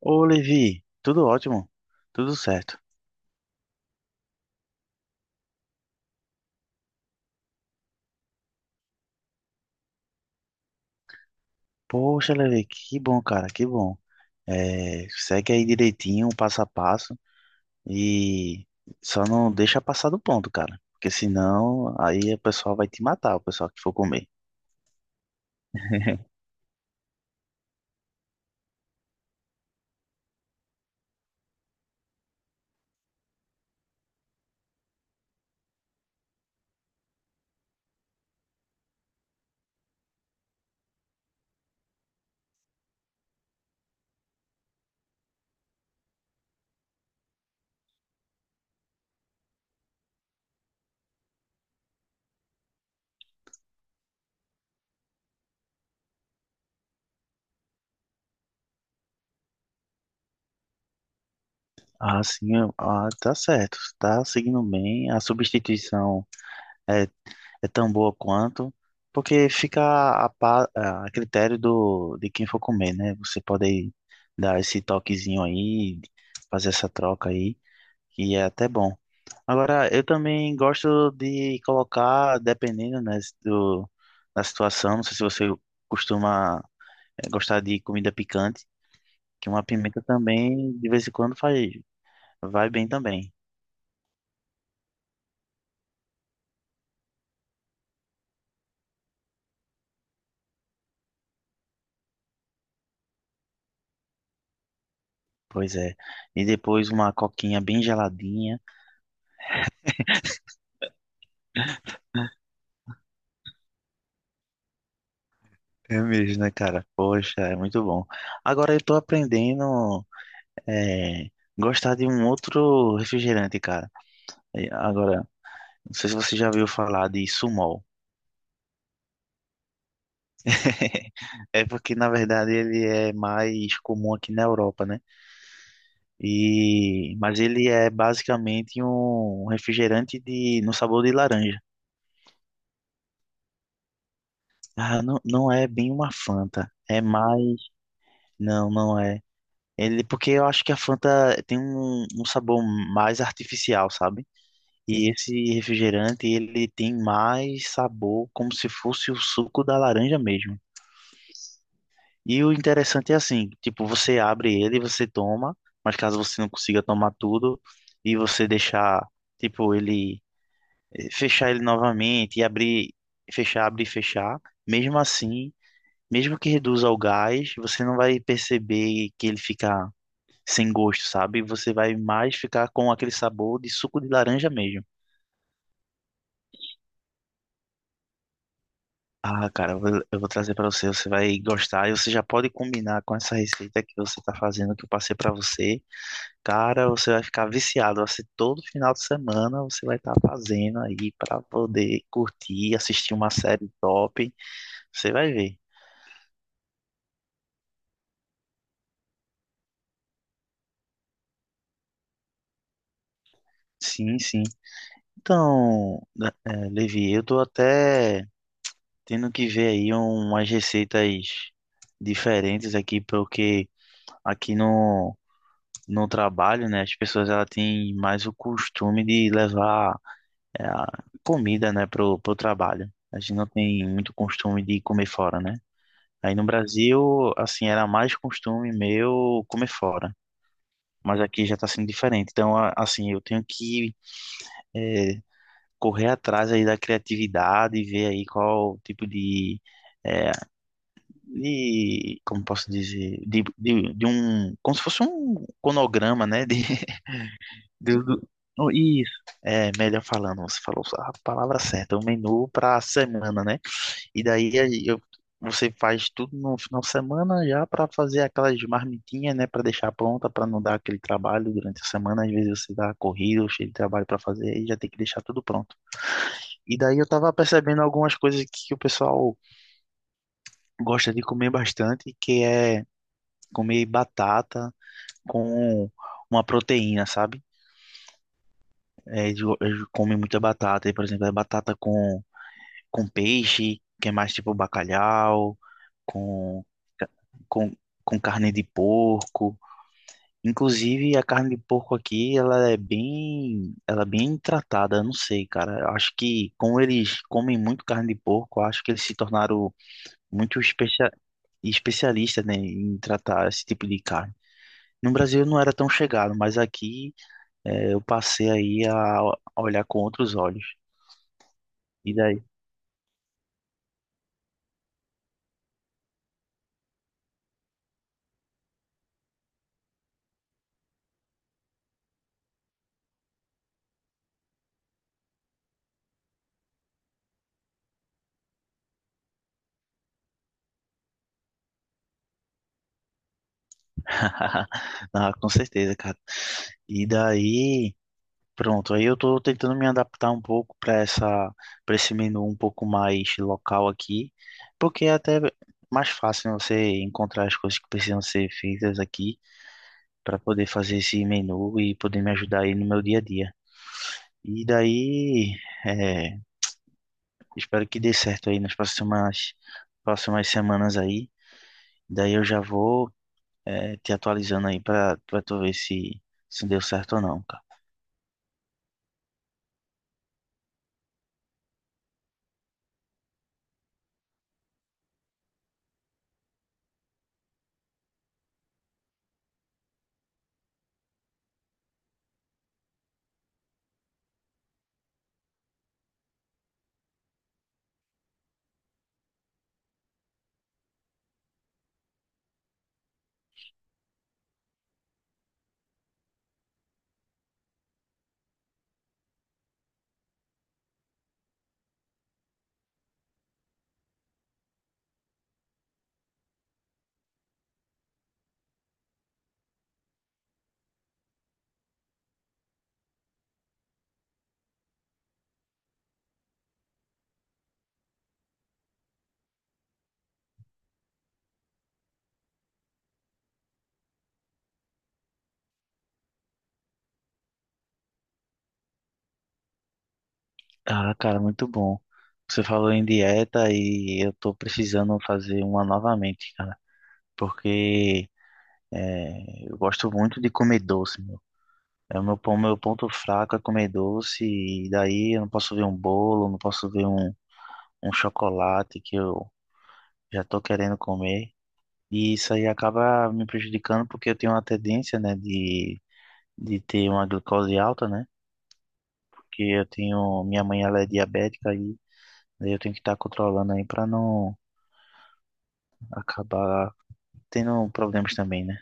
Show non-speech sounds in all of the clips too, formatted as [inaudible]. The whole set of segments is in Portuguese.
Ô, Levi, tudo ótimo, tudo certo. Poxa, Levi, que bom, cara, que bom. É, segue aí direitinho, passo a passo, e só não deixa passar do ponto, cara, porque senão aí o pessoal vai te matar, o pessoal que for comer. [laughs] Ah, sim, ah, tá certo, tá seguindo bem. A substituição é tão boa quanto, porque fica a critério de quem for comer, né? Você pode dar esse toquezinho aí, fazer essa troca aí, que é até bom. Agora, eu também gosto de colocar, dependendo, né, do, da situação, não sei se você costuma gostar de comida picante, que uma pimenta também, de vez em quando, faz, vai bem também. Pois é. E depois uma coquinha bem geladinha. É mesmo, né, cara? Poxa, é muito bom. Agora eu tô aprendendo é, gostar de um outro refrigerante, cara. E agora, não sei se você já ouviu falar de Sumol. [laughs] É porque, na verdade, ele é mais comum aqui na Europa, né? E, mas ele é basicamente um refrigerante de, no sabor de laranja. Ah, não, não é bem uma Fanta. É mais. Não, não é. Ele, porque eu acho que a Fanta tem um sabor mais artificial, sabe? E esse refrigerante, ele tem mais sabor, como se fosse o suco da laranja mesmo. E o interessante é assim, tipo, você abre ele, você toma, mas caso você não consiga tomar tudo e você deixar, tipo, ele fechar ele novamente e abrir, fechar, abrir e fechar, mesmo assim, mesmo que reduza o gás, você não vai perceber que ele fica sem gosto, sabe? Você vai mais ficar com aquele sabor de suco de laranja mesmo. Ah, cara, eu vou trazer pra você, você vai gostar e você já pode combinar com essa receita que você tá fazendo, que eu passei pra você. Cara, você vai ficar viciado, vai ser todo final de semana você vai estar fazendo aí pra poder curtir, assistir uma série top. Você vai ver. Sim, sim. Então, né, é, Levi, eu tô até tendo que ver aí umas receitas diferentes aqui, porque aqui no no trabalho, né, as pessoas ela têm mais o costume de levar a comida, né, pro trabalho. A gente não tem muito costume de comer fora, né? Aí no Brasil, assim, era mais costume meu comer fora, mas aqui já está sendo diferente. Então, assim, eu tenho que é, correr atrás aí da criatividade e ver aí qual tipo de é, de, como posso dizer, de um, como se fosse um conograma, né, de, Deus do... Oh, isso, é melhor falando, você falou a palavra certa, o menu para a semana, né? E daí aí, eu, você faz tudo no final de semana já para fazer aquelas marmitinhas, né? Para deixar pronta, para não dar aquele trabalho durante a semana. Às vezes você dá corrido, cheio de trabalho para fazer e já tem que deixar tudo pronto. E daí eu tava percebendo algumas coisas que o pessoal gosta de comer bastante, que é comer batata com uma proteína, sabe? É, eles comem muita batata. E, por exemplo, é batata com peixe, que é mais tipo bacalhau, com, ca- com, com carne de porco. Inclusive, a carne de porco aqui, ela é bem tratada. Eu não sei, cara. Eu acho que, como eles comem muito carne de porco, eu acho que eles se tornaram muito especia especialistas, né, em tratar esse tipo de carne. No Brasil eu não era tão chegado, mas aqui eu passei aí a olhar com outros olhos. E daí [laughs] ah, com certeza, cara. E daí, pronto, aí eu tô tentando me adaptar um pouco para esse menu um pouco mais local aqui, porque é até mais fácil né, você encontrar as coisas que precisam ser feitas aqui para poder fazer esse menu e poder me ajudar aí no meu dia a dia. E daí, é, espero que dê certo aí nas próximas, próximas semanas aí. Daí eu já vou, é, te atualizando aí para tu ver se, se deu certo ou não. Ah, cara, muito bom. Você falou em dieta e eu tô precisando fazer uma novamente, cara, porque é, eu gosto muito de comer doce, meu. É o meu ponto fraco é comer doce e daí eu não posso ver um bolo, não posso ver um chocolate que eu já tô querendo comer. E isso aí acaba me prejudicando porque eu tenho uma tendência, né, de ter uma glicose alta, né? Porque eu tenho, minha mãe ela é diabética e daí eu tenho que estar controlando aí para não acabar tendo problemas também, né?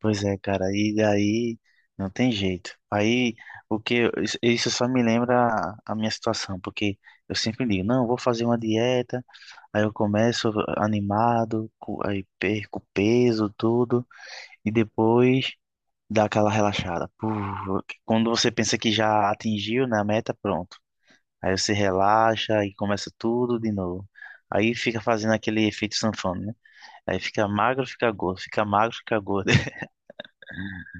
Pois é, cara, e daí não tem jeito. Aí o que isso só me lembra a minha situação, porque eu sempre digo, não, eu vou fazer uma dieta, aí eu começo animado, aí perco peso, tudo, e depois dá aquela relaxada. Puf, quando você pensa que já atingiu, né, a meta, pronto. Aí você relaxa e começa tudo de novo. Aí fica fazendo aquele efeito sanfona, né? Aí fica magro, fica gordo, fica magro, fica gordo. [laughs]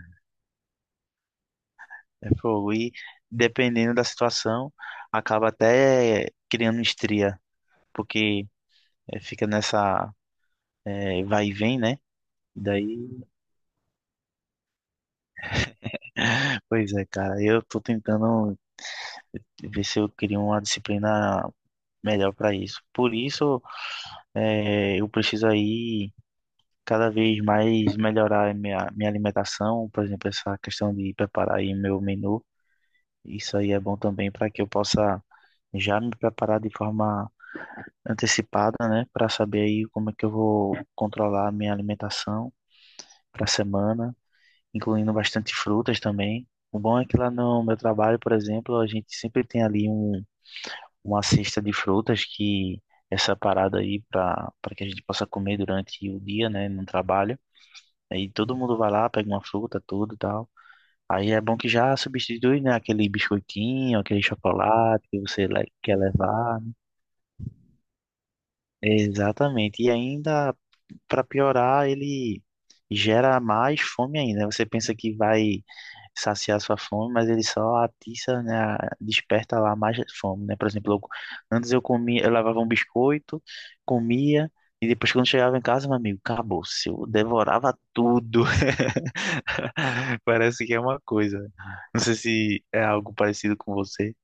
É fogo. E dependendo da situação, acaba até criando estria, porque fica nessa vai e vem, né? Daí, [laughs] pois é, cara, eu tô tentando ver se eu crio uma disciplina melhor para isso. Por isso, eu preciso aí cada vez mais melhorar a minha alimentação, por exemplo, essa questão de preparar aí meu menu. Isso aí é bom também para que eu possa já me preparar de forma antecipada, né, para saber aí como é que eu vou controlar a minha alimentação para a semana, incluindo bastante frutas também. O bom é que lá no meu trabalho, por exemplo, a gente sempre tem ali um, uma cesta de frutas que é separada aí para que a gente possa comer durante o dia, né, no trabalho. Aí todo mundo vai lá, pega uma fruta, tudo e tal. Aí é bom que já substitui, né, aquele biscoitinho, aquele chocolate que você quer levar. Exatamente. E ainda, para piorar, ele gera mais fome ainda. Você pensa que vai saciar sua fome, mas ele só atiça, né, desperta lá mais fome, né? Por exemplo, antes eu comia, eu levava um biscoito, comia, e depois quando chegava em casa, meu amigo, acabou-se. Eu devorava tudo. [laughs] [laughs] Parece que é uma coisa. Né? Não sei se é algo parecido com você.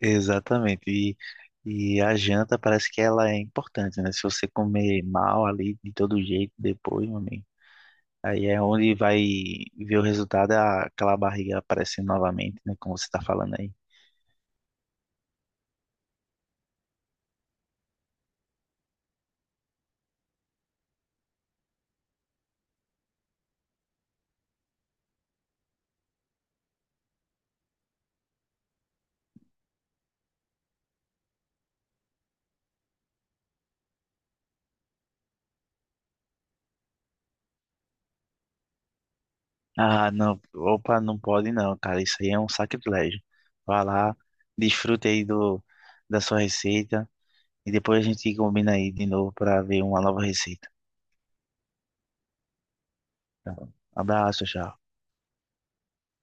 Exatamente. E a janta parece que ela é importante, né? Se você comer mal ali de todo jeito depois, meu amigo, aí é onde vai ver o resultado, aquela barriga aparecendo novamente, né? Como você tá falando aí. Ah, não, opa, não pode não, cara. Isso aí é um sacrilégio. Vai lá, desfrute aí do, da sua receita e depois a gente combina aí de novo para ver uma nova receita. Tá. Abraço, tchau.